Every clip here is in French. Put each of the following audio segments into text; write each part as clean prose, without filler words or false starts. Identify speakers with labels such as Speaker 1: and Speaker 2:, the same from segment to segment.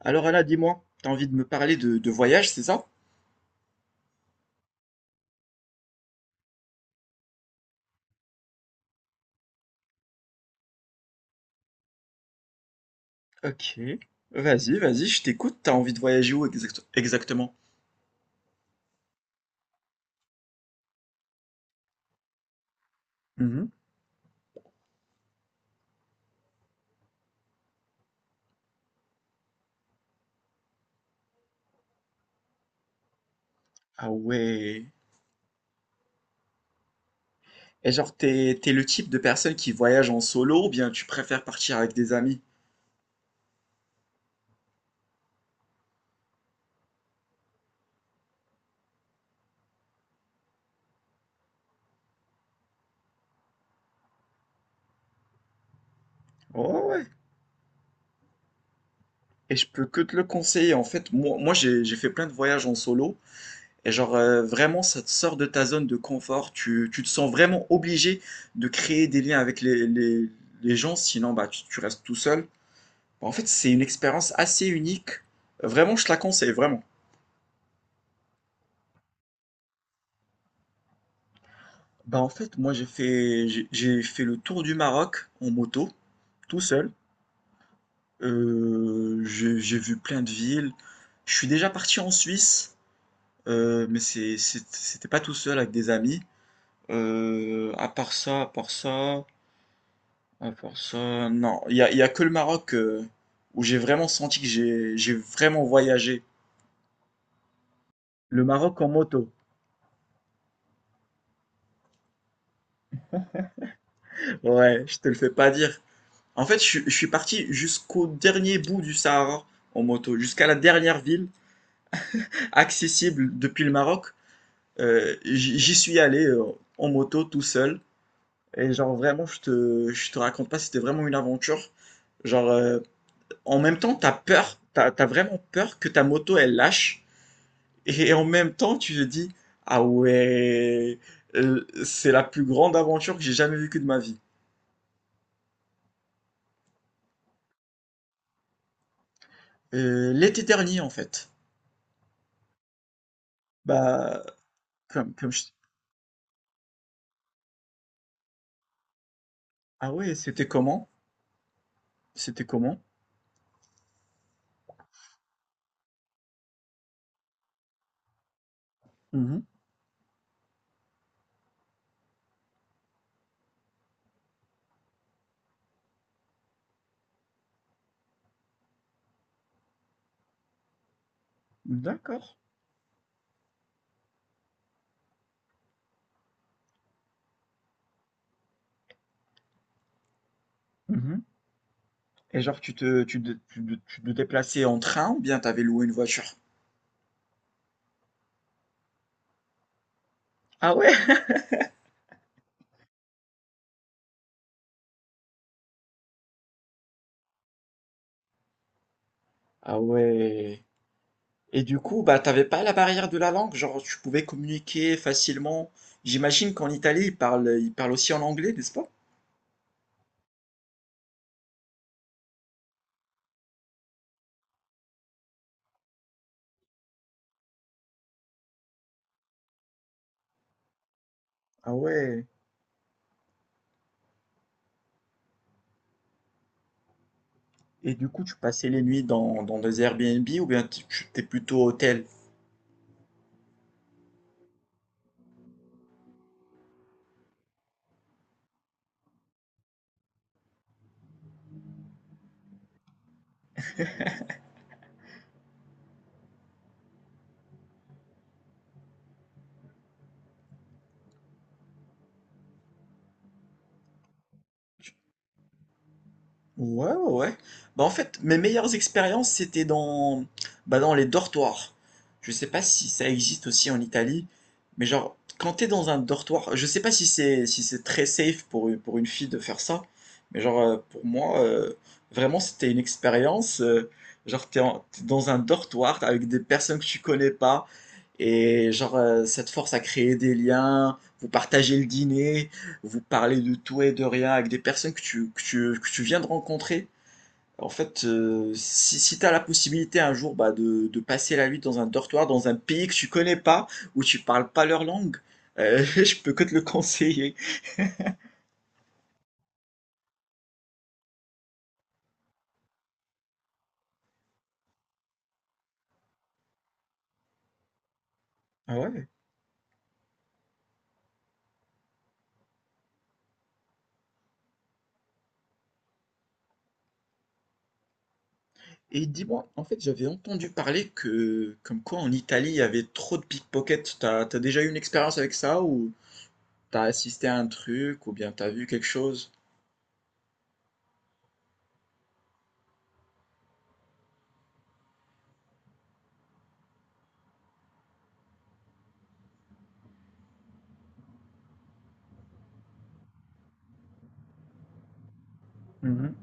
Speaker 1: Alors Anna, dis-moi, t'as envie de me parler de voyage, c'est ça? Ok. Vas-y, vas-y, je t'écoute. T'as envie de voyager où exactement? Mhm. Ah ouais. Et genre, t'es le type de personne qui voyage en solo ou bien tu préfères partir avec des amis? Oh ouais. Et je peux que te le conseiller. En fait, j'ai fait plein de voyages en solo. Et genre, vraiment, ça te sort de ta zone de confort. Tu te sens vraiment obligé de créer des liens avec les gens. Sinon, bah, tu restes tout seul. En fait, c'est une expérience assez unique. Vraiment, je te la conseille, vraiment. Bah en fait, moi j'ai fait le tour du Maroc en moto, tout seul. J'ai vu plein de villes. Je suis déjà parti en Suisse, mais c'était pas tout seul, avec des amis. Euh, à part ça, à part ça, à part ça, non, il y a que le Maroc où j'ai vraiment senti que j'ai vraiment voyagé. Le Maroc en moto. Ouais, je te le fais pas dire. En fait, je suis parti jusqu'au dernier bout du Sahara en moto, jusqu'à la dernière ville accessible depuis le Maroc. J'y suis allé en moto, tout seul. Et genre vraiment, je te raconte pas, c'était vraiment une aventure. Genre, en même temps, t'as peur, t'as vraiment peur que ta moto, elle lâche. Et en même temps, tu te dis, ah ouais, c'est la plus grande aventure que j'ai jamais vécue de ma vie. L'été dernier, en fait. Bah, comme je- Ah ouais, c'était comment? C'était comment? Mmh. D'accord. Mmh. Et genre tu te déplaçais en train ou bien t'avais loué une voiture? Ah ouais? Ah ouais. Et du coup, bah, t'avais pas la barrière de la langue? Genre tu pouvais communiquer facilement? J'imagine qu'en Italie, ils parlent aussi en anglais, n'est-ce pas? Ah ouais. Et du coup, tu passais les nuits dans des Airbnb ou bien tu étais plutôt hôtel? Ouais, ouais, ouais. Bah, en fait, mes meilleures expériences, bah, dans les dortoirs. Je sais pas si ça existe aussi en Italie, mais genre, quand t'es dans un dortoir, je sais pas si c'est si c'est très safe pour une fille de faire ça, mais genre, pour moi, vraiment, c'était une expérience. Genre, t'es dans un dortoir avec des personnes que tu connais pas, et genre, ça te force à créer des liens, vous partagez le dîner, vous parlez de tout et de rien avec des personnes que que tu viens de rencontrer. En fait, si tu as la possibilité un jour, bah, de passer la nuit dans un dortoir, dans un pays que tu connais pas, où tu parles pas leur langue, je peux que te le conseiller. Ah ouais? Et dis-moi, en fait, j'avais entendu parler que, comme quoi en Italie, il y avait trop de pickpockets. T'as déjà eu une expérience avec ça, ou t'as assisté à un truc, ou bien t'as vu quelque chose? Mhm.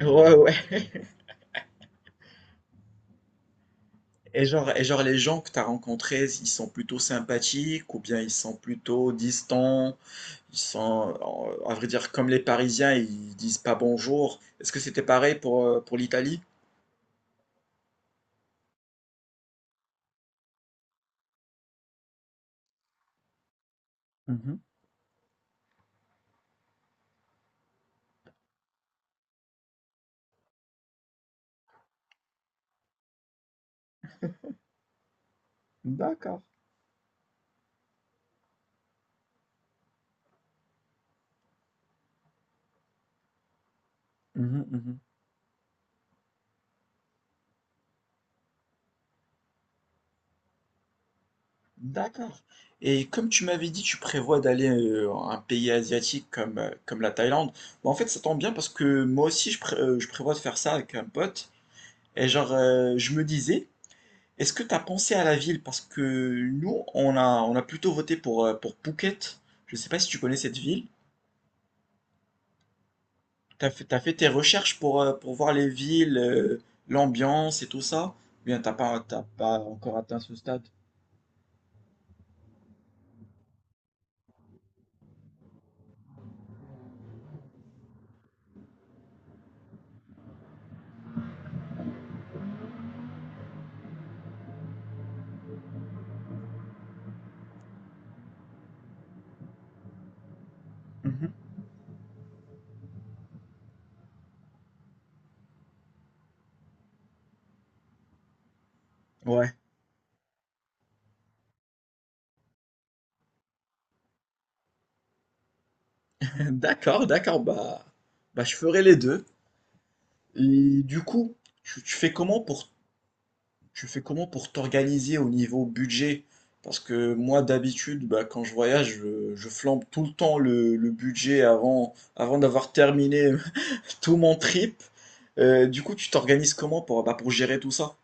Speaker 1: Ouais, ouais. Et genre les gens que tu as rencontrés, ils sont plutôt sympathiques ou bien ils sont plutôt distants, ils sont, à vrai dire, comme les Parisiens, ils disent pas bonjour. Est-ce que c'était pareil pour l'Italie? Mhm. D'accord. Mhm, mhm. D'accord. Et comme tu m'avais dit, tu prévois d'aller à un pays asiatique comme, comme la Thaïlande. Bah, en fait, ça tombe bien parce que moi aussi, je prévois de faire ça avec un pote. Et genre, je me disais, est-ce que tu as pensé à la ville? Parce que nous, on a plutôt voté pour Phuket. Je ne sais pas si tu connais cette ville. T'as fait tes recherches pour voir les villes, l'ambiance et tout ça? Ou bien t'as pas encore atteint ce stade? Mhm. Ouais. D'accord, d'accord. Bah, bah, je ferai les deux. Et du coup, tu, tu fais comment pour tu fais comment pour t'organiser au niveau budget? Parce que moi, d'habitude, bah, quand je voyage, je flambe tout le temps le budget avant, avant d'avoir terminé tout mon trip. Du coup, tu t'organises comment pour, bah, pour gérer tout ça?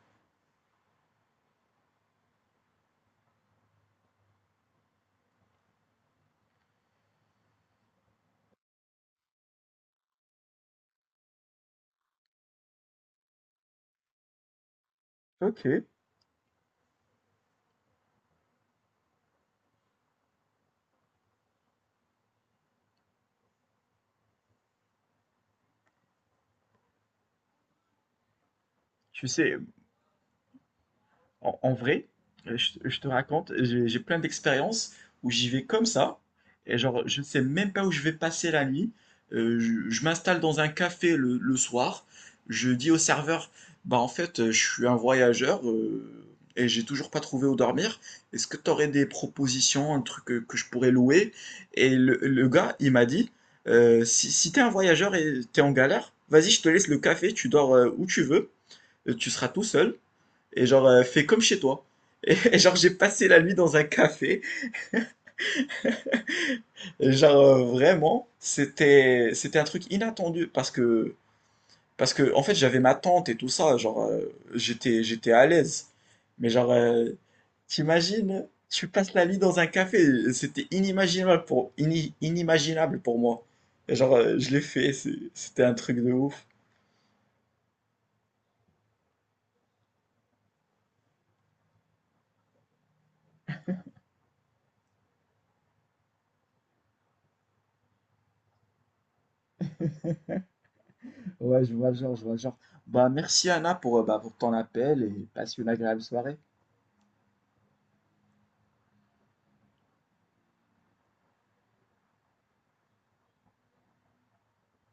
Speaker 1: Ok, tu sais, en vrai, je te raconte, j'ai plein d'expériences où j'y vais comme ça, et genre, je ne sais même pas où je vais passer la nuit. Je m'installe dans un café le soir. Je dis au serveur, bah en fait, je suis un voyageur, et j'ai toujours pas trouvé où dormir. Est-ce que tu aurais des propositions, un truc que je pourrais louer? Et le gars, il m'a dit, si t'es un voyageur et t'es en galère, vas-y, je te laisse le café, tu dors où tu veux, tu seras tout seul, et genre fais comme chez toi. Et, et genre j'ai passé la nuit dans un café. Et genre vraiment, c'était un truc inattendu, parce que en fait j'avais ma tante et tout ça, genre j'étais à l'aise. Mais genre t'imagines, tu passes la nuit dans un café, c'était inimaginable inimaginable pour moi. Et genre je l'ai fait, c'était un truc de ouf. Bah merci Anna pour, bah, pour ton appel, et passe une agréable soirée.